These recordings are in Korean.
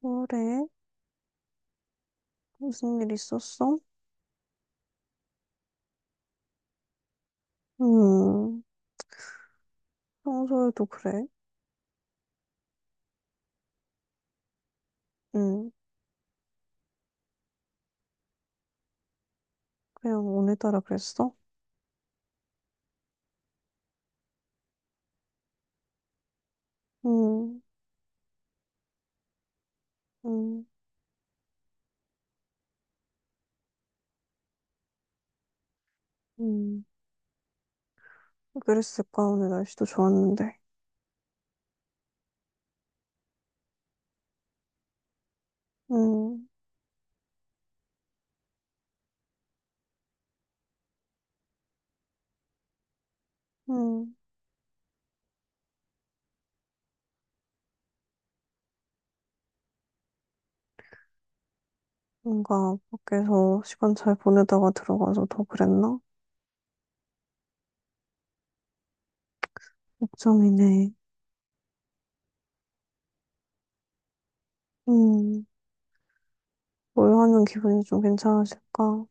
그래? 무슨 일 있었어? 음, 평소에도 그래? 음, 그냥 오늘따라 그랬어? 음, 음, 음. 그랬을까? 오늘 날씨도 좋았는데. 음, 음. 뭔가 밖에서 시간 잘 보내다가 들어가서 더 그랬나? 걱정이네. 음, 뭘 하면 기분이 좀 괜찮아질까?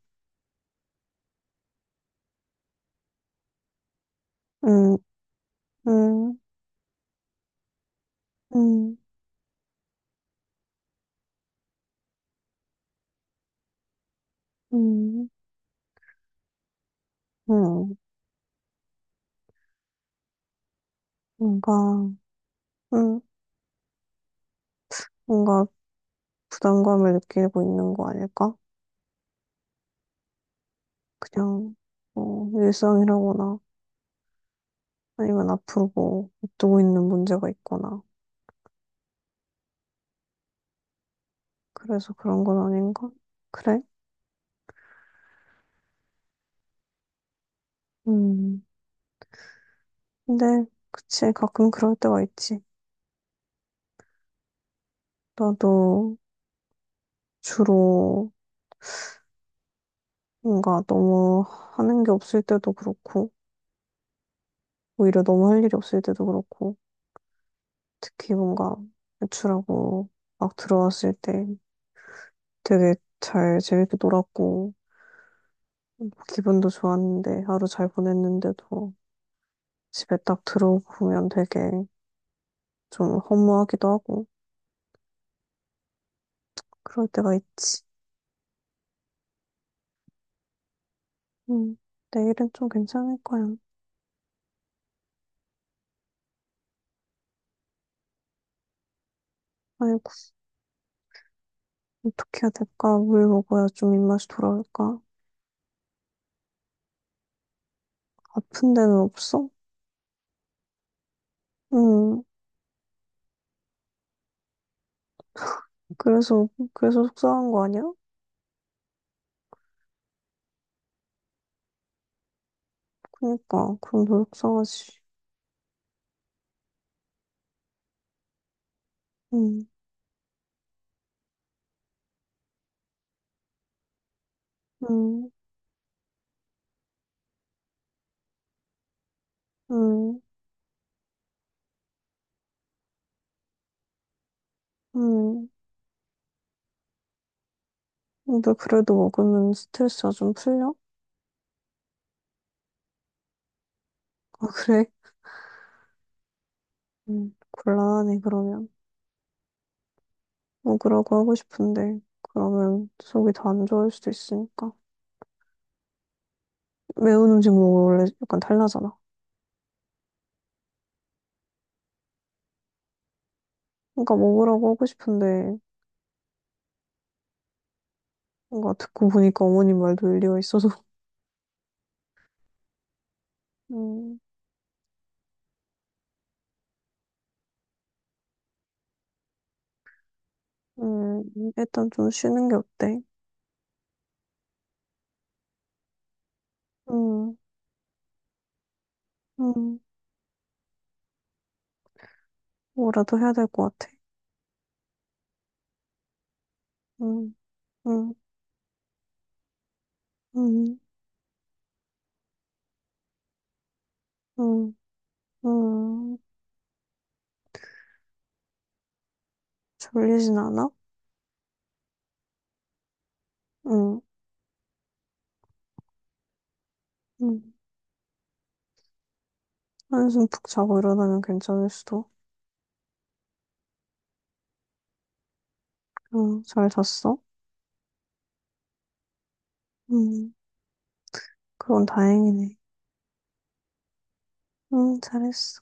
음, 음, 음, 음, 음. 뭔가, 음, 뭔가 부담감을 느끼고 있는 거 아닐까? 그냥 뭐 일상이라거나 아니면 앞으로 뭐 앞두고 있는 문제가 있거나 그래서 그런 건 아닌가? 그래? 음. 근데 그치 가끔 그럴 때가 있지. 나도 주로 뭔가 너무 하는 게 없을 때도 그렇고 오히려 너무 할 일이 없을 때도 그렇고 특히 뭔가 외출하고 막 들어왔을 때 되게 잘 재밌게 놀았고 기분도 좋았는데 하루 잘 보냈는데도 집에 딱 들어오면 되게 좀 허무하기도 하고 그럴 때가 있지. 음, 내일은 좀 괜찮을 거야. 아이고, 어떻게 해야 될까? 물 먹어야 좀 입맛이 돌아올까? 아픈 데는 없어? 음, 그래서, 그래서 속상한 거 아니야? 그니까, 그럼 더 속상하지. 음, 음, 음, 음. 근데 그래도 먹으면 스트레스가 좀 풀려? 아, 그래? 곤란하네, 그러면. 뭐 그러고 하고 싶은데 그러면 속이 더 안 좋을 수도 있으니까 매운 음식 먹으면 원래 약간 탈나잖아. 그러니까 먹으라고 하고 싶은데 뭔가 듣고 보니까 어머님 말도 일리가 있어서 음, 음, 일단 좀 쉬는 게 어때? 음, 음, 뭐라도 해야 될 것 같아. 음, 음, 음, 음, 음, 졸리진 않아? 응. 응. 한숨 푹 자고 일어나면 괜찮을 수도. 응, 잘 잤어? 응. 그건 다행이네. 응, 잘했어.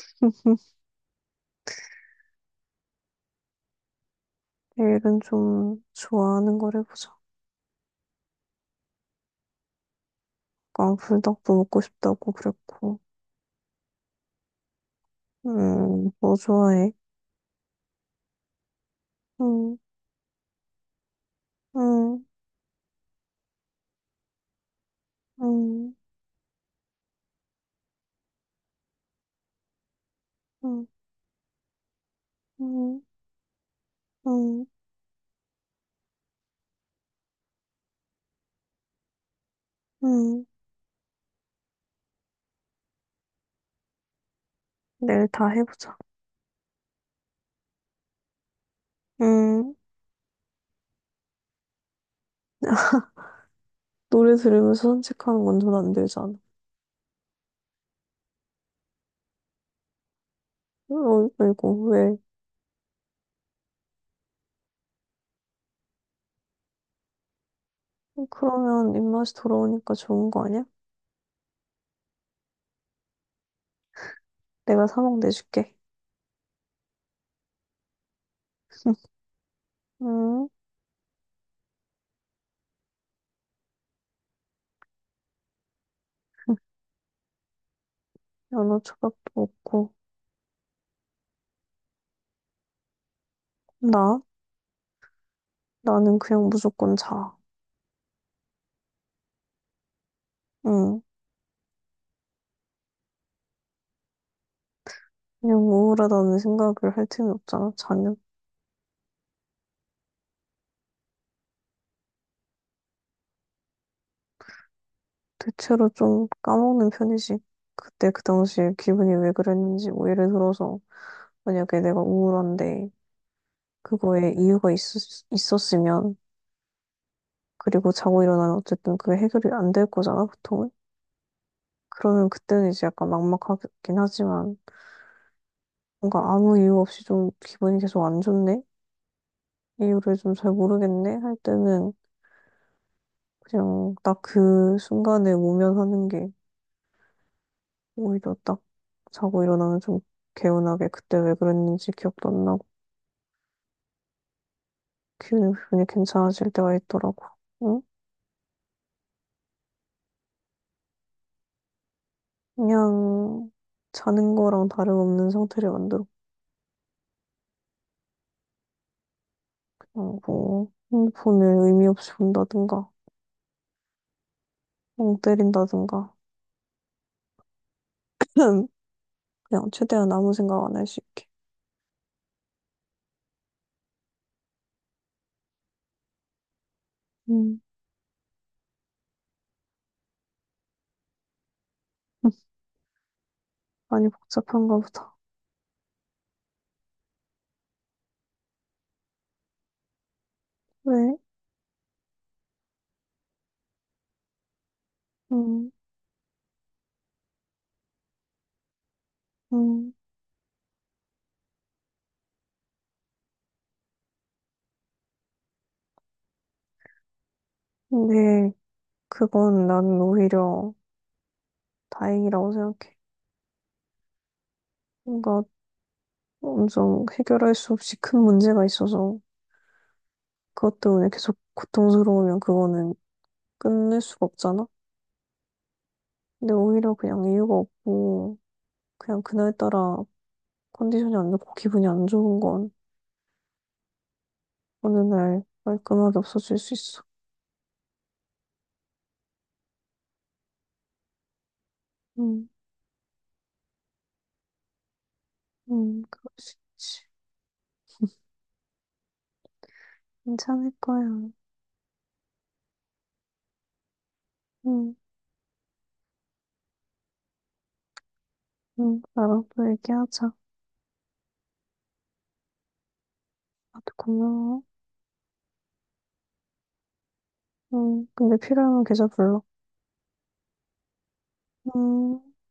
내일은 좀 좋아하는 걸 해보자. 아까 불닭도 먹고 싶다고 그랬고. 뭐 좋아해? 음, 음, 음, 음, 음, 음, 음. 내일 다 해보자. 음, 노래 들으면서 산책하는 건 전 안 되잖아. 어, 이거 왜? 그러면 입맛이 돌아오니까 좋은 거 아니야? 내가 사먹 내줄게. 음, 연어 초밥도 먹고. 나? 나는 그냥 무조건 자. 응. 그냥 우울하다는 생각을 할 틈이 없잖아, 자면. 대체로 좀 까먹는 편이지. 그때 그 당시에 기분이 왜 그랬는지, 뭐 예를 들어서, 만약에 내가 우울한데, 그거에 이유가 있었으면, 그리고 자고 일어나면 어쨌든 그게 해결이 안 될 거잖아, 보통은. 그러면 그때는 이제 약간 막막하긴 하지만, 뭔가 아무 이유 없이 좀 기분이 계속 안 좋네? 이유를 좀 잘 모르겠네? 할 때는, 그냥 딱 그 순간에 모면하는 게 오히려 딱 자고 일어나면 좀 개운하게 그때 왜 그랬는지 기억도 안 나고 기분이 괜찮아질 때가 있더라고. 응? 그냥 자는 거랑 다름없는 상태를 만들어. 고뭐 핸드폰을 의미 없이 본다든가 멍 때린다든가 그냥 최대한 아무 생각 안 할 수 있게. 음. 많이 복잡한가 보다. 왜? 음, 음. 근데 그건 나는 오히려 다행이라고 생각해. 뭔가 엄청 해결할 수 없이 큰 문제가 있어서 그것 때문에 계속 고통스러우면 그거는 끝낼 수가 없잖아. 근데 오히려 그냥 이유가 없고 그냥 그날따라 컨디션이 안 좋고 기분이 안 좋은 건 어느 날 깔끔하게 없어질 수 있어. 응, 응, 그럴 수 있지. 괜찮을 거야. 응, 응, 나랑 또 얘기하자. 나도 고마워. 응, 근데 필요하면 계좌 불러. 응.